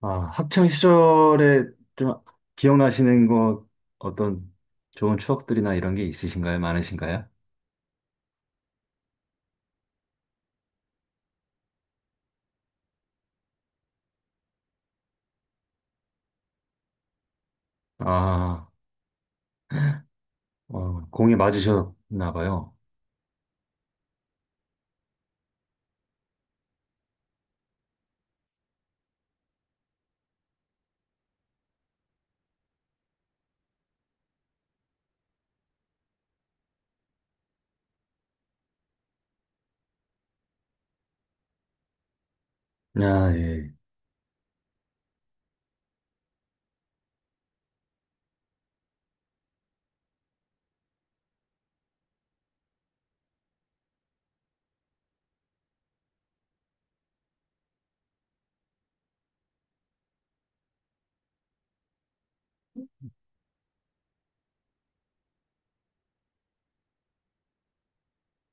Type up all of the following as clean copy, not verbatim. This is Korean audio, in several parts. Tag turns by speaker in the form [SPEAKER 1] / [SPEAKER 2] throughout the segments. [SPEAKER 1] 아, 학창 시절에 좀 기억나시는 거 어떤 좋은 추억들이나 이런 게 있으신가요? 많으신가요? 아, 어, 공에 맞으셨나 봐요. 아, 예.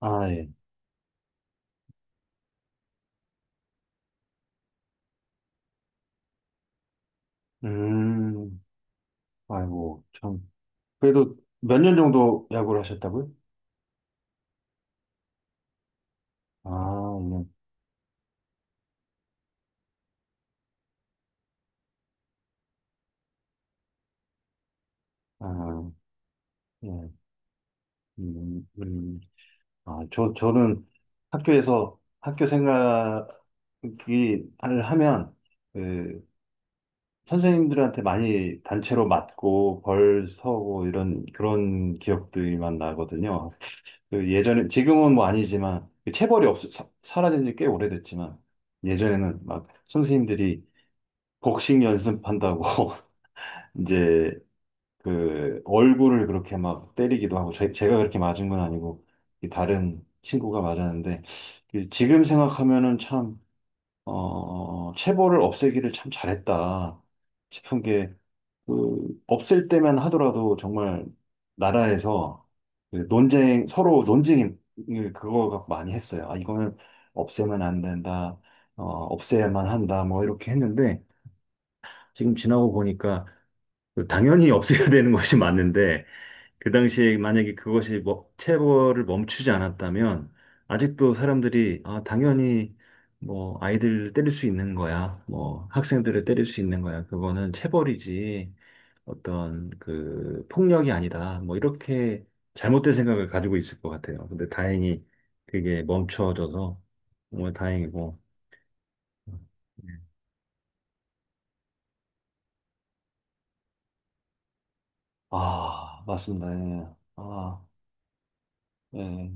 [SPEAKER 1] 아, 예. 음. 아이고, 참. 그래도 몇 년 정도 야구를 하셨다고요? 아, 예. 아, 예. 음, 음. 아, 저는 학교에서 학교 생각을 하면, 그 선생님들한테 많이 단체로 맞고 벌 서고 이런 그런 기억들만 나거든요. 그 예전에 지금은 뭐 아니지만 그 체벌이 사라진 지 꽤 오래됐지만 예전에는 막 선생님들이 복싱 연습한다고 이제 그 얼굴을 그렇게 막 때리기도 하고 제가 그렇게 맞은 건 아니고 이 다른 친구가 맞았는데 그 지금 생각하면은 참 어, 체벌을 없애기를 참 잘했다 싶은 게 그 없을 때만 하더라도 정말 나라에서 그 논쟁 서로 논쟁을 그거 갖고 많이 했어요. 아, 이거는 없애면 안 된다. 어, 없애야만 한다. 뭐 이렇게 했는데 지금 지나고 보니까 그 당연히 없애야 되는 것이 맞는데 그 당시에 만약에 그것이 뭐, 체벌을 멈추지 않았다면 아직도 사람들이 아, 당연히 뭐 아이들을 때릴 수 있는 거야. 뭐 학생들을 때릴 수 있는 거야. 그거는 체벌이지 어떤 그 폭력이 아니다. 뭐 이렇게 잘못된 생각을 가지고 있을 것 같아요. 근데 다행히 그게 멈춰져서 정말 다행이고. 아, 맞습니다. 예. 아, 예.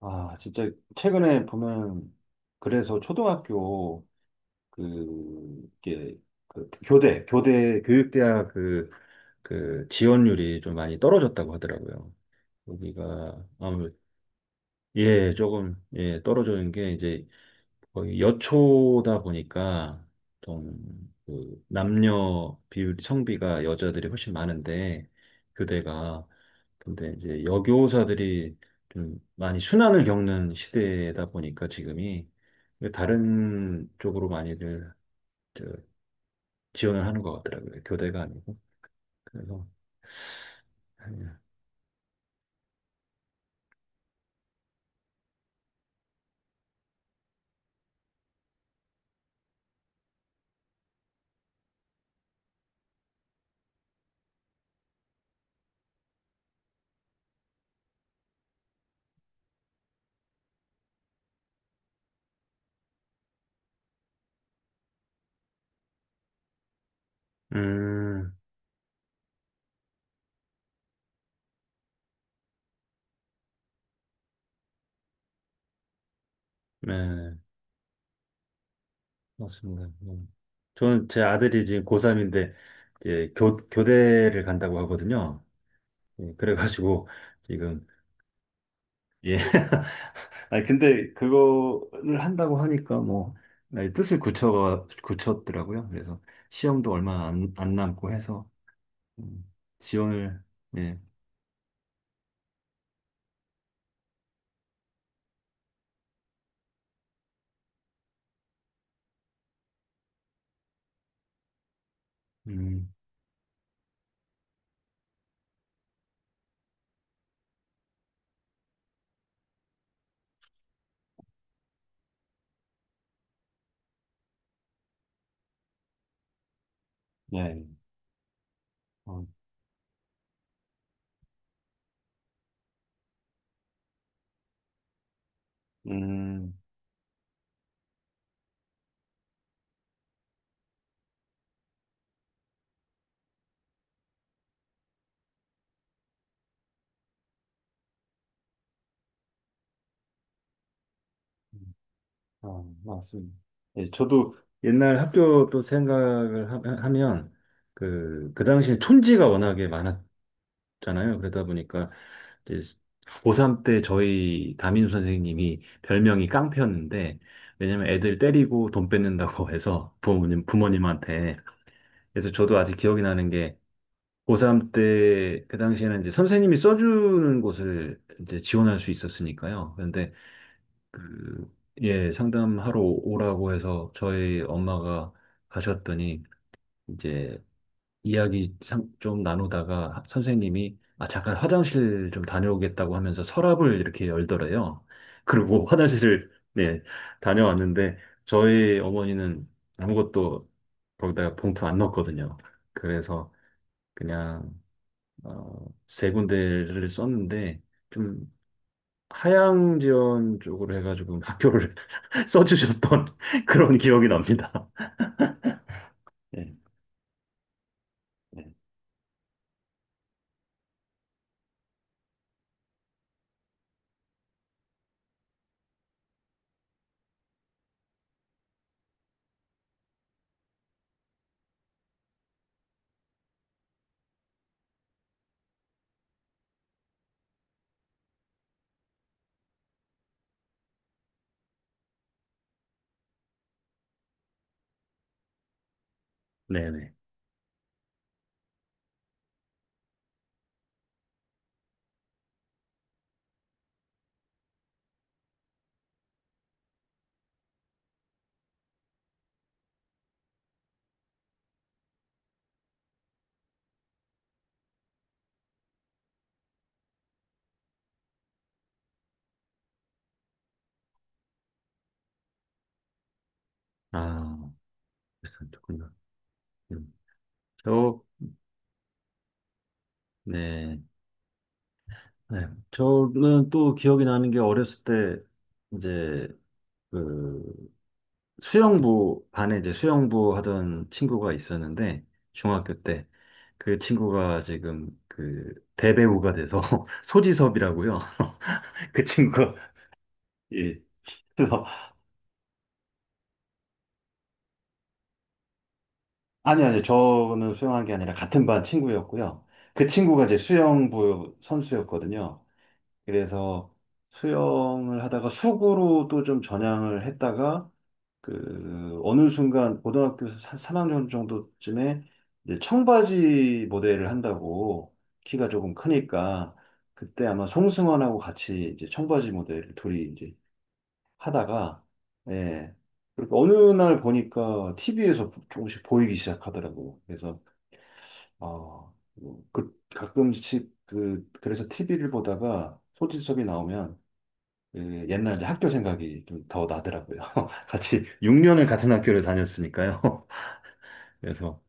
[SPEAKER 1] 아, 진짜 최근에 보면 그래서 초등학교 그 이게 그 교대 교육대학 그 그 지원율이 좀 많이 떨어졌다고 하더라고요. 여기가 아무 예, 조금 예 떨어지는 게 이제 거의 여초다 보니까 좀그 남녀 비율 성비가 여자들이 훨씬 많은데 교대가 근데 이제 여교사들이 좀 많이 순환을 겪는 시대다 보니까 지금이 다른 쪽으로 많이들 저 지원을 하는 것 같더라고요. 교대가 아니고. 그래서 예. 음, 네, 맞습니다. 음. 저는 제 아들이 지금 고3인데 이제 교대를 간다고 하거든요. 예, 그래가지고 지금 예, 아니, 근데 그거를 한다고 하니까 뭐, 나의 뜻을 굳혔더라고요. 그래서 시험도 얼마 안 남고 해서, 음, 지원을, 예, 음, 예, 어, 음, 아, 맞습니다. 예, 저도 옛날 학교 또 생각을 하, 면 그, 그 당시에 촌지가 워낙에 많았, 잖아요. 그러다 보니까 이제 고3 때 저희 담임 선생님이 별명이 깡패였는데 왜냐면 애들 때리고 돈 뺏는다고 해서 부모님한테 그래서 저도 아직 기억이 나는 게 고3 때 그 당시에는 이제 선생님이 써주는 곳을 이제 지원할 수 있었으니까요. 그런데 그 예, 상담하러 오라고 해서 저희 엄마가 가셨더니 이제 이야기 상- 좀 나누다가 선생님이 아, 잠깐 화장실 좀 다녀오겠다고 하면서 서랍을 이렇게 열더래요. 그리고 화장실을 네, 다녀왔는데 저희 어머니는 아무것도 거기다가 봉투 안 넣었거든요. 그래서 그냥 어, 세 군데를 썼는데 좀 하향지원 쪽으로 해가지고 학교를 써주셨던 그런 기억이 납니다. 네, 네, 네. 네. 아, 그렇군요. 음. 저 네. 네. 저는 또 기억이 나는 게 어렸을 때 이제 그 수영부 반에 이제 수영부 하던 친구가 있었는데 중학교 때 그 친구가 지금 그 대배우가 돼서 소지섭이라고요. 그 친구가 예. 그래서 아니 아니 저는 수영한 게 아니라 같은 반 친구였고요. 그 친구가 이제 수영부 선수였거든요. 그래서 수영을 하다가 수구로 또 좀 전향을 했다가 그 어느 순간 고등학교 3학년 정도쯤에 이제 청바지 모델을 한다고 키가 조금 크니까 그때 아마 송승헌하고 같이 이제 청바지 모델을 둘이 이제 하다가 예. 그리고 어느 날 보니까 TV에서 조금씩 보이기 시작하더라고. 그래서 아, 그 가끔씩 그 그래서 TV를 보다가 소지섭이 나오면 예 옛날 이제 학교 생각이 좀 더 나더라고요. 같이 6년을 같은 학교를 다녔으니까요. 그래서,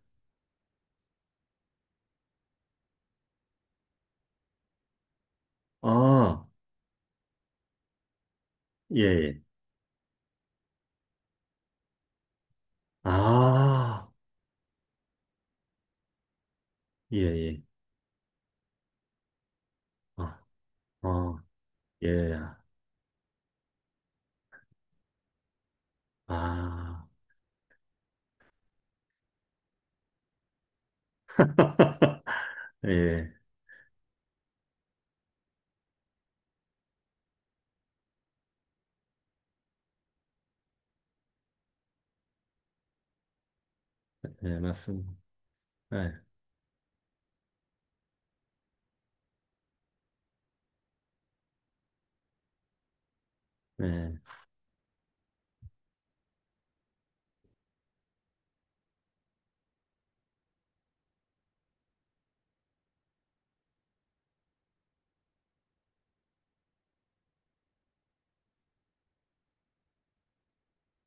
[SPEAKER 1] 아, 예, 예. 아, 예, 예. 아, 어, 예, 아, 예, 예, 맞습니다. 네, 네,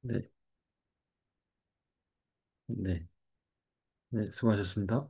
[SPEAKER 1] 네, 네, 네, 수고하셨습니다.